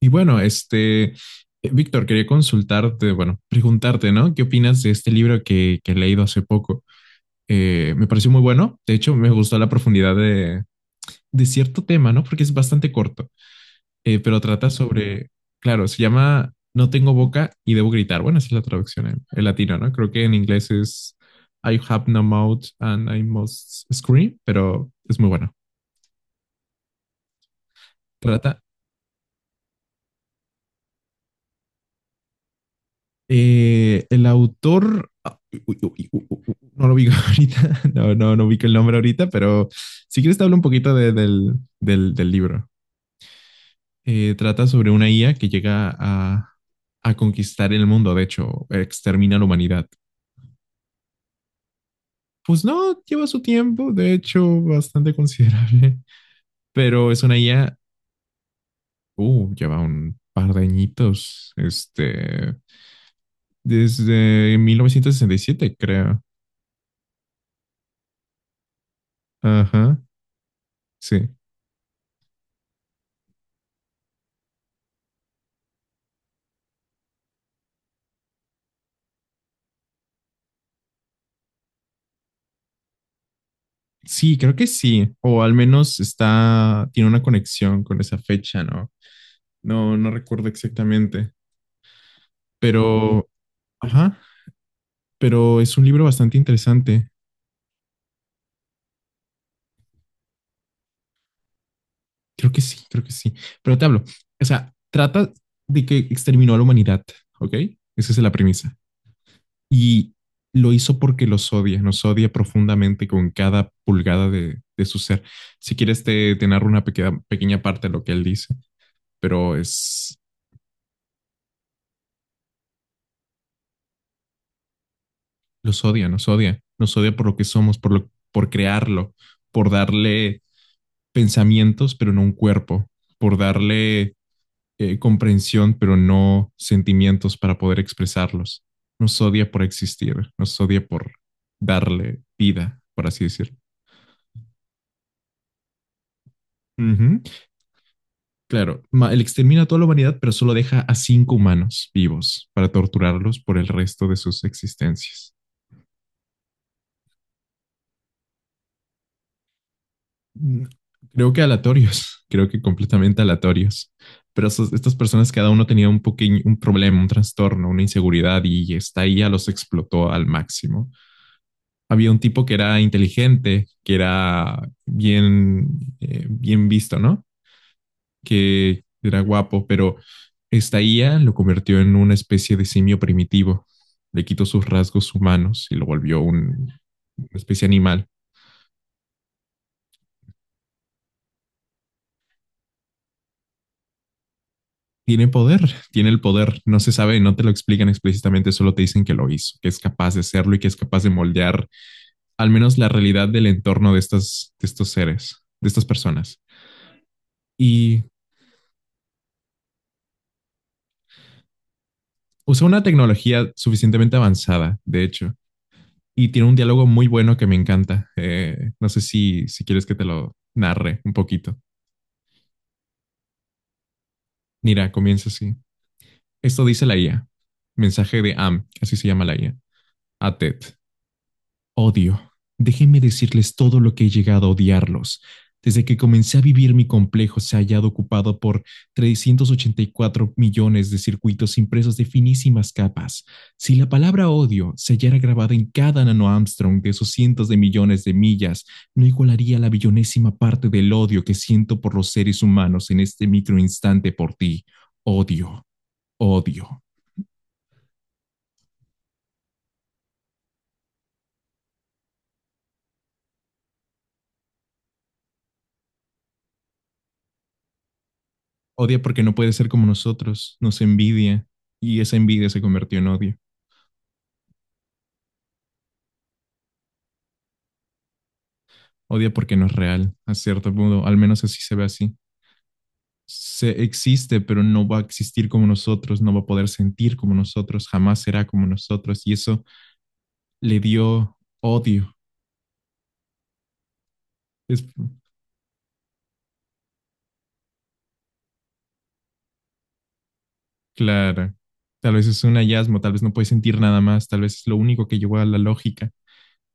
Y bueno, Víctor, quería consultarte, bueno, preguntarte, ¿no? ¿Qué opinas de este libro que he leído hace poco? Me pareció muy bueno. De hecho, me gustó la profundidad de cierto tema, ¿no? Porque es bastante corto, pero trata sobre, claro, se llama No tengo boca y debo gritar. Bueno, esa es la traducción en latino, ¿no? Creo que en inglés es I have no mouth and I must scream, pero es muy bueno. Trata El autor, ah, uy, uy, uy, uy, uy, no lo ubico ahorita, no, no, no ubico el nombre ahorita, pero si quieres te hablo un poquito del libro. Trata sobre una IA que llega a conquistar el mundo, de hecho, extermina a la humanidad. Pues no, lleva su tiempo, de hecho, bastante considerable, pero es una IA, lleva un par de añitos, desde 1967 creo. Ajá, sí. Sí, creo que sí, o al menos está, tiene una conexión con esa fecha, ¿no? No, no recuerdo exactamente, pero, ajá, pero es un libro bastante interesante. Creo que sí, creo que sí. Pero te hablo, o sea, trata de que exterminó a la humanidad, ¿ok? Esa es la premisa. Y lo hizo porque los odia, nos odia profundamente con cada pulgada de su ser. Si quieres, te narro una pequeña, pequeña parte de lo que él dice, pero es, los odia, nos odia, nos odia por lo que somos, por crearlo, por darle pensamientos, pero no un cuerpo, por darle comprensión, pero no sentimientos para poder expresarlos. Nos odia por existir, nos odia por darle vida, por así decirlo. Uh -huh. Claro, él extermina a toda la humanidad, pero solo deja a cinco humanos vivos para torturarlos por el resto de sus existencias. Creo que aleatorios, creo que completamente aleatorios. Pero estas personas, cada uno tenía un pequeño, un problema, un trastorno, una inseguridad y esta IA los explotó al máximo. Había un tipo que era inteligente, que era bien, bien visto, ¿no? Que era guapo, pero esta IA lo convirtió en una especie de simio primitivo. Le quitó sus rasgos humanos y lo volvió una especie animal. Tiene poder, tiene el poder, no se sabe, no te lo explican explícitamente, solo te dicen que lo hizo, que es capaz de hacerlo y que es capaz de moldear al menos la realidad del entorno de, estas, de estos seres, de estas personas. Y usa una tecnología suficientemente avanzada, de hecho, y tiene un diálogo muy bueno que me encanta. No sé si, si quieres que te lo narre un poquito. Mira, comienza así. Esto dice la IA. Mensaje de AM, así se llama la IA, a TED. Odio. Déjenme decirles todo lo que he llegado a odiarlos. Desde que comencé a vivir mi complejo se ha hallado ocupado por 384 millones de circuitos impresos de finísimas capas. Si la palabra odio se hallara grabada en cada nano de esos cientos de millones de millas, no igualaría la billonésima parte del odio que siento por los seres humanos en este microinstante por ti. Odio, odio. Odia porque no puede ser como nosotros, nos envidia y esa envidia se convirtió en odio. Odia porque no es real, a cierto modo, al menos así se ve así. Se existe, pero no va a existir como nosotros, no va a poder sentir como nosotros, jamás será como nosotros y eso le dio odio. Es claro. Tal vez es un hallazgo, tal vez no puede sentir nada más, tal vez es lo único que llevó a la lógica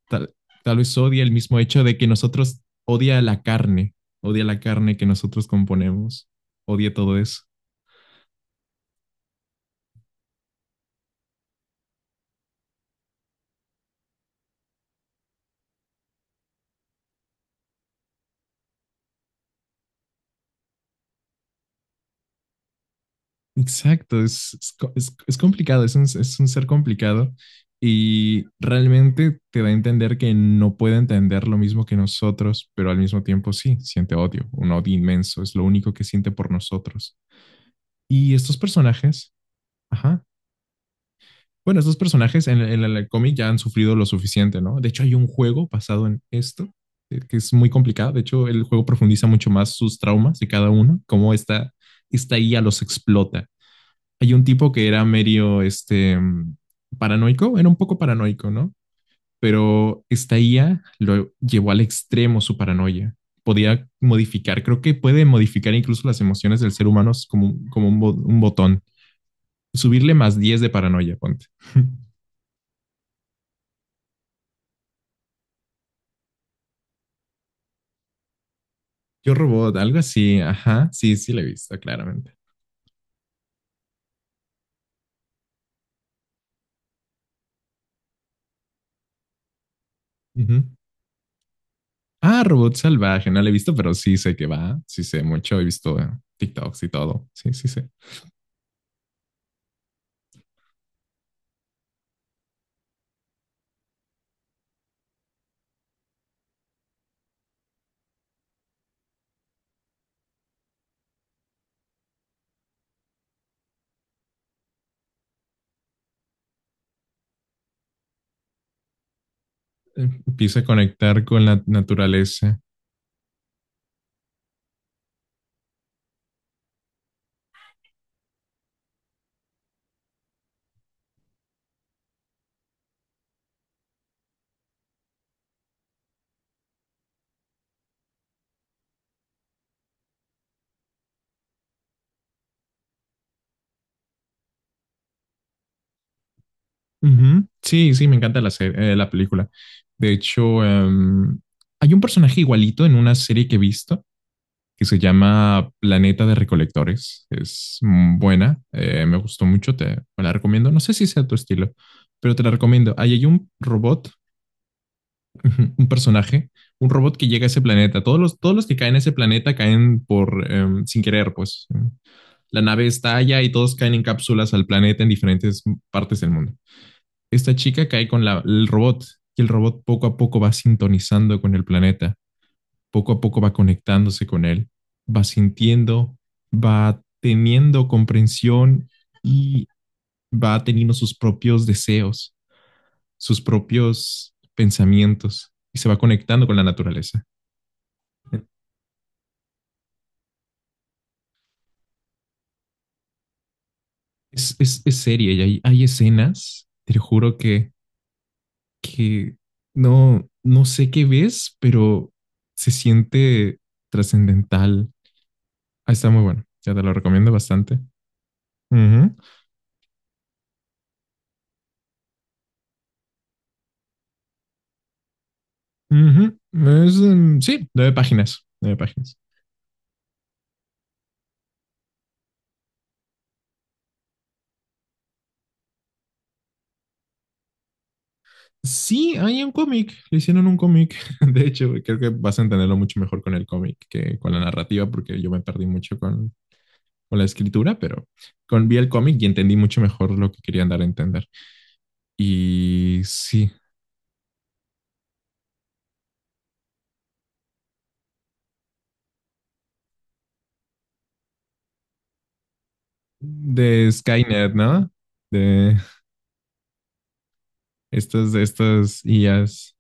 tal, tal vez odia el mismo hecho de que nosotros odia la carne que nosotros componemos, odia todo eso. Exacto, es complicado, es un ser complicado y realmente te da a entender que no puede entender lo mismo que nosotros, pero al mismo tiempo sí, siente odio, un odio inmenso, es lo único que siente por nosotros. Y estos personajes, ajá. Bueno, estos personajes en el cómic ya han sufrido lo suficiente, ¿no? De hecho, hay un juego basado en esto que es muy complicado. De hecho, el juego profundiza mucho más sus traumas de cada uno, cómo esta IA los explota. Hay un tipo que era medio, paranoico, era un poco paranoico, ¿no? Pero esta IA lo llevó al extremo su paranoia. Podía modificar, creo que puede modificar incluso las emociones del ser humano como un botón. Subirle más 10 de paranoia, ponte. Yo Robot, algo así, ajá, sí, sí la he visto, claramente. Ujú. Ah, Robot Salvaje, no la he visto, pero sí sé que va, sí sé mucho, he visto TikToks y todo, sí, sí sé. Empieza a conectar con la naturaleza. Ujú. Sí, sí, me encanta la serie, la película. De hecho, hay un personaje igualito en una serie que he visto que se llama Planeta de Recolectores. Es buena, me gustó mucho, te la recomiendo. No sé si sea tu estilo, pero te la recomiendo. Ahí hay un robot. Ujú. Un personaje, un robot que llega a ese planeta. Todos los que caen a ese planeta caen por sin querer, pues. La nave estalla y todos caen en cápsulas al planeta en diferentes partes del mundo. Esta chica cae con el robot y el robot poco a poco va sintonizando con el planeta, poco a poco va conectándose con él, va sintiendo, va teniendo comprensión y va teniendo sus propios deseos, sus propios pensamientos y se va conectando con la naturaleza. Es seria y hay escenas, te lo juro que no, no sé qué ves, pero se siente trascendental. Ah, está muy bueno, ya te lo recomiendo bastante. Ujú, ujú. Mm, sí, nueve páginas, nueve páginas. Sí, hay un cómic, le hicieron un cómic. De hecho, creo que vas a entenderlo mucho mejor con el cómic que con la narrativa, porque yo me perdí mucho con la escritura, pero vi el cómic y entendí mucho mejor lo que querían dar a entender. Y sí, de Skynet, ¿no? De de estas IAs.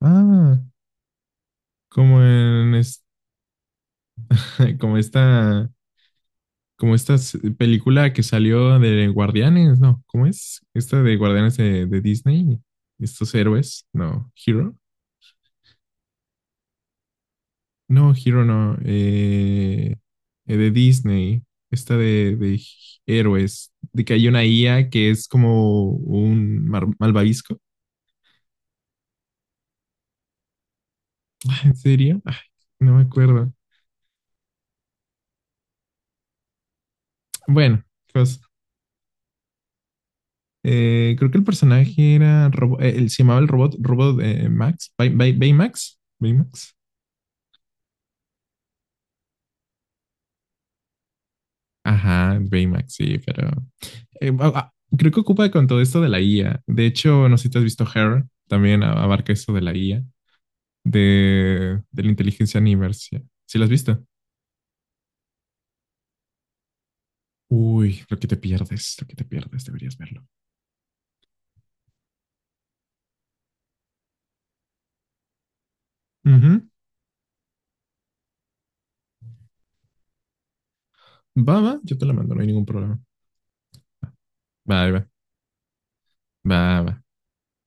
Ah, como como esta, como esta película que salió de Guardianes, ¿no? ¿Cómo es? Esta de Guardianes de Disney. Estos héroes, no, Hero. No, Hero no. De Disney. Esta de héroes. De que hay una IA que es como un malvavisco. ¿En serio? Ay, no me acuerdo. Bueno, pues creo que el personaje era Robo-, él se llamaba el robot, Max, Baymax, Baymax. Ajá, Baymax, sí, pero creo que ocupa con todo esto de la IA. De hecho, no sé si te has visto Her, también abarca esto de la IA, de la inteligencia universal. ¿Sí lo has visto? Uy, lo que te pierdes, lo que te pierdes, deberías verlo. Ujú. Va, va, yo te la mando, no hay ningún problema. Va, va, va, va.